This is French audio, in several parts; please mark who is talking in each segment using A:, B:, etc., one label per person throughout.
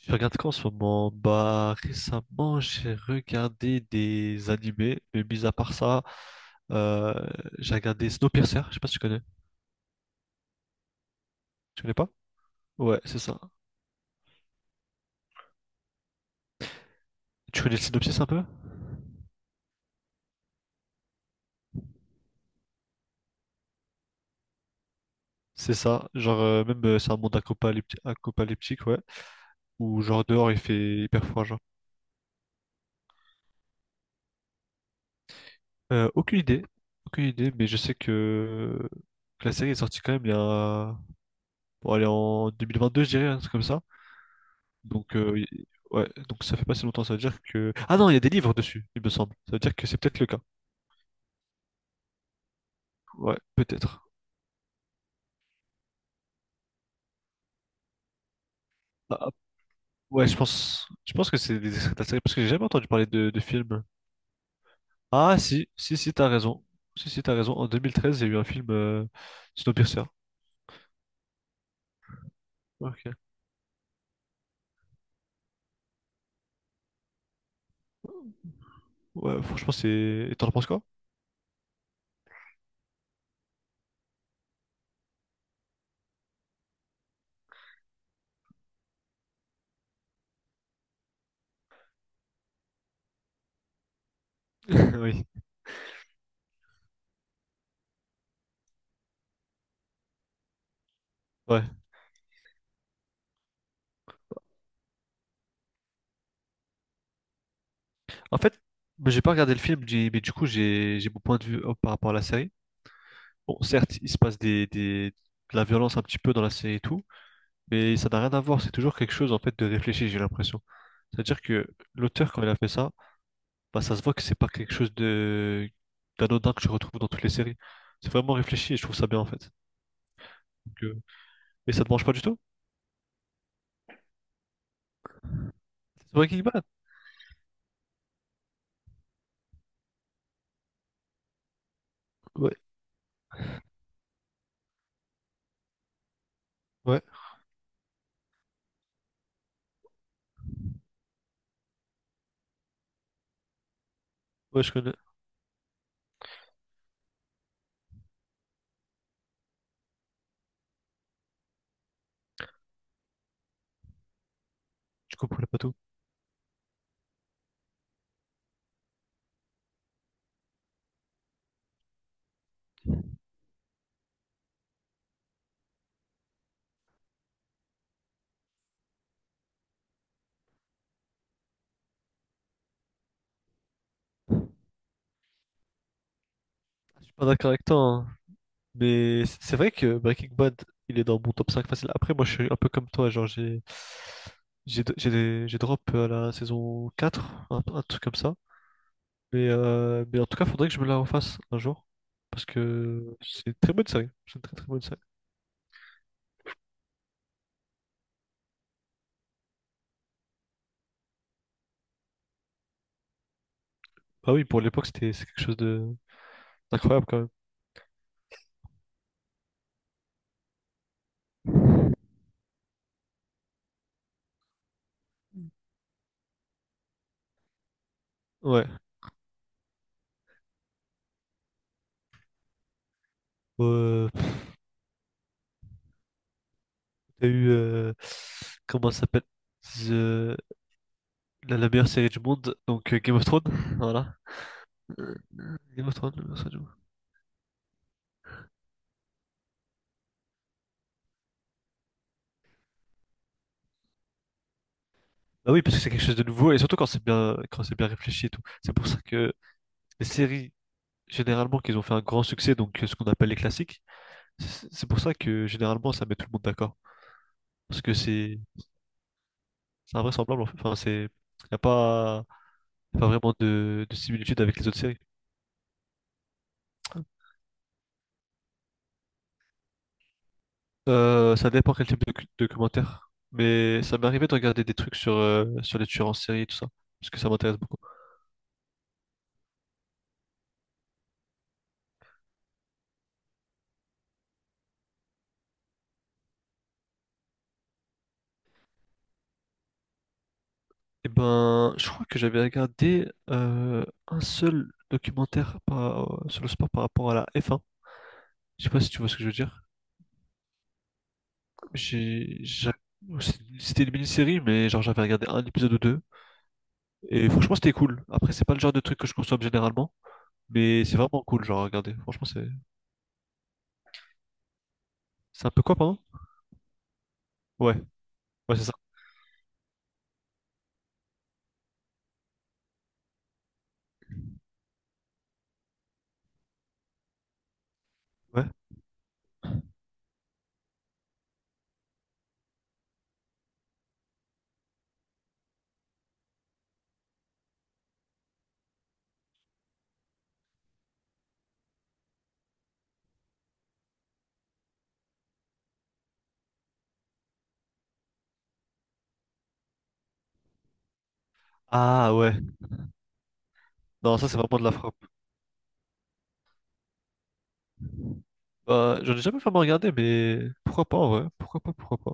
A: Je regarde quoi en ce moment? Bah, récemment, j'ai regardé des animés, mais mis à part ça, euh, j'ai regardé Snowpiercer. Je sais pas si tu connais. Tu connais pas? Ouais, c'est ça. Tu connais le synopsis un peu? C'est ça. Genre, même, c'est un monde apocalyptique, ouais. Où, genre, dehors, il fait hyper froid, genre. Aucune idée. Aucune idée, mais je sais que la série est sortie quand même il y a. Bon, elle est en 2022, je dirais, un truc comme ça. Donc, ouais, donc ça fait pas si longtemps, ça veut dire que... Ah non, il y a des livres dessus, il me semble. Ça veut dire que c'est peut-être le cas. Ouais, peut-être. Ah, ouais, je pense que c'est des extraits de la série, parce que j'ai jamais entendu parler de film. Ah si, si, si, t'as raison. Si, si, t'as raison. En 2013, il y a eu un film, Snowpiercer. Ok. Ouais, franchement, c'est... Et t'en penses quoi? Oui. Ouais. En fait, bah, j'ai pas regardé le film, mais du coup, j'ai mon point de vue par rapport à la série. Bon, certes, il se passe de la violence un petit peu dans la série et tout, mais ça n'a rien à voir. C'est toujours quelque chose, en fait, de réfléchi, j'ai l'impression. C'est-à-dire que l'auteur, quand il a fait ça, bah, ça se voit que c'est pas quelque chose de d'anodin que je retrouve dans toutes les séries. C'est vraiment réfléchi et je trouve ça bien, en fait. Donc, euh, Et ça te mange pas du tout? C'est Breaking Bad? Ouais, ouais, ouais, je connais. Je comprenais pas tout. Je suis pas d'accord avec toi, hein. Mais c'est vrai que Breaking Bad, il est dans mon top 5 facile. Après, moi, je suis un peu comme toi, genre, j'ai drop à la saison quatre, un truc comme ça. Mais en tout cas, faudrait que je me la refasse un jour. Parce que c'est une très bonne série. C'est une très très bonne série. Bah oui, pour l'époque, c'est quelque chose de d'incroyable quand même. Ouais. Bon, t'as eu comment ça s'appelle? The- la meilleure série du monde, donc Game of Thrones, voilà. Game of Thrones, ça, j'avoue. Bah oui, parce que c'est quelque chose de nouveau, et surtout quand c'est bien réfléchi et tout. C'est pour ça que les séries, généralement, qu'ils ont fait un grand succès, donc ce qu'on appelle les classiques, c'est pour ça que généralement ça met tout le monde d'accord. Parce que c'est invraisemblable, en fait. Enfin, y a pas, y a pas vraiment de similitude avec les autres séries. Ça dépend quel type de documentaire, mais ça m'est arrivé de regarder des trucs sur les tueurs en série et tout ça, parce que ça m'intéresse beaucoup. Eh ben, je crois que j'avais regardé un seul documentaire sur le sport par rapport à la F1. Je sais pas si tu vois ce que je veux dire. J'ai, j'a- c'était une mini-série, mais genre j'avais regardé un épisode ou deux. Et franchement, c'était cool. Après, c'est pas le genre de truc que je consomme généralement, mais c'est vraiment cool, genre à regarder. Franchement, c'est un peu quoi, pardon? Ouais, ouais, c'est ça. Ouais. Ah ouais. Non, ça c'est vraiment de la frappe. J'en ai jamais vraiment regardé, mais pourquoi pas, ouais. Pourquoi pas, pourquoi pas.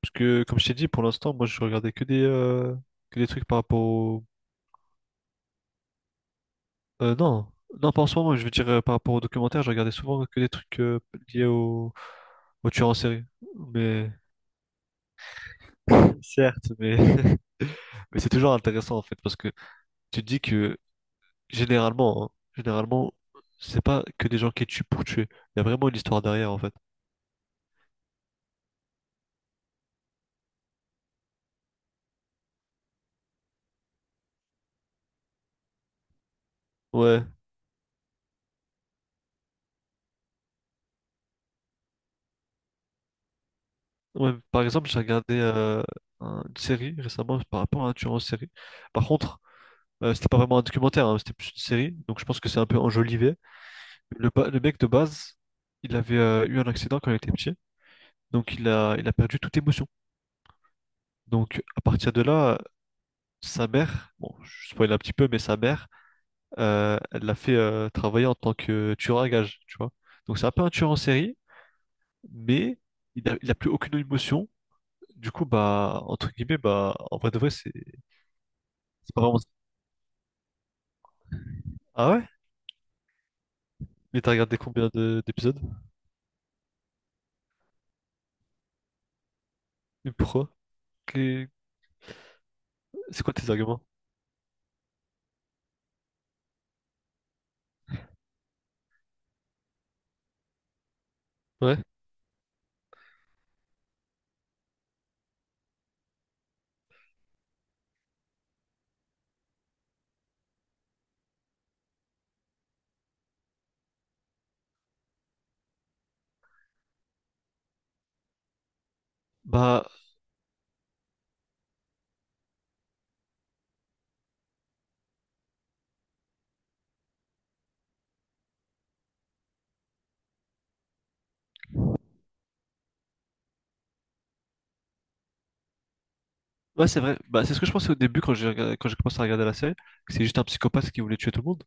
A: Parce que, comme je t'ai dit, pour l'instant, moi, je regardais que que des trucs par rapport au... non, non, pas en ce moment, je veux dire par rapport aux documentaires, je regardais souvent que des trucs liés au tueur en série. Mais, certes, mais, mais c'est toujours intéressant, en fait, parce que tu te dis que, généralement, hein, généralement, c'est pas que des gens qui tuent pour tuer. Il y a vraiment une histoire derrière, en fait. Ouais. Ouais, par exemple, j'ai regardé une série récemment par rapport à un tueur en série. Par contre, c'était pas vraiment un documentaire, hein, c'était plus une série, donc je pense que c'est un peu enjolivé. Le mec de base, il avait eu un accident quand il était petit, donc il a perdu toute émotion. Donc à partir de là, sa mère, bon, je spoil un petit peu, mais sa mère, elle l'a fait travailler en tant que tueur à gages, tu vois. Donc c'est un peu un tueur en série, mais il a plus aucune émotion. Du coup, bah, entre guillemets, bah, en vrai de vrai, c'est pas vraiment... Ah ouais? Mais t'as regardé combien d'épisodes? Et pourquoi? Que- C'est quoi tes arguments? Ouais. Bah, ouais, c'est vrai. Bah, c'est ce que je pensais au début quand j'ai commencé à regarder la série, que c'est juste un psychopathe qui voulait tuer tout le monde.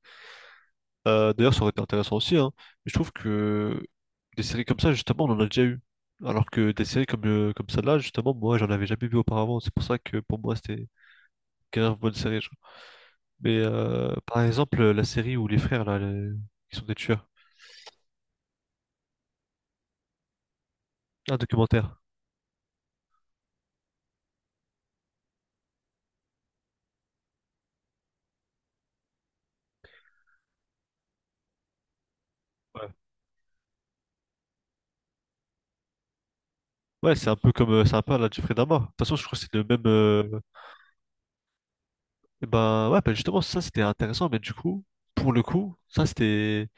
A: D'ailleurs, ça aurait été intéressant aussi, hein. Mais je trouve que des séries comme ça, justement, on en a déjà eu. Alors que des séries comme celle-là, justement, moi, j'en avais jamais vu auparavant. C'est pour ça que pour moi, c'était une grave bonne série, genre. Mais par exemple, la série où les frères, là, qui sont des tueurs, un documentaire. Ouais, ouais, c'est un peu comme c'est un peu à la Jeffrey Dahmer. De toute façon, je crois que c'est le même. Eh ben ouais, ben justement, ça c'était intéressant, mais du coup, pour le coup, ça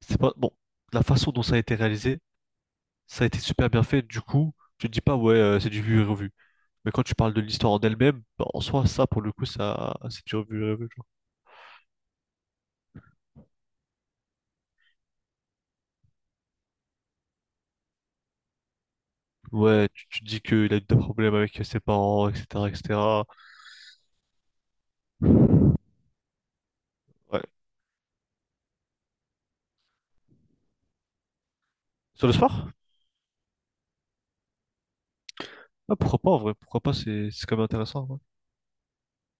A: c'est pas bon. La façon dont ça a été réalisé, ça a été super bien fait. Du coup, tu te dis pas ouais, c'est du vu et revu. Mais quand tu parles de l'histoire en elle-même, bah, en soi, ça, pour le coup, ça, c'est déjà vu, genre. Ouais, tu te dis qu'il a eu des problèmes avec ses parents, etc., etc. Ouais. Sur le sport? Ah, pourquoi pas, en vrai, pourquoi pas, c'est quand même intéressant, hein.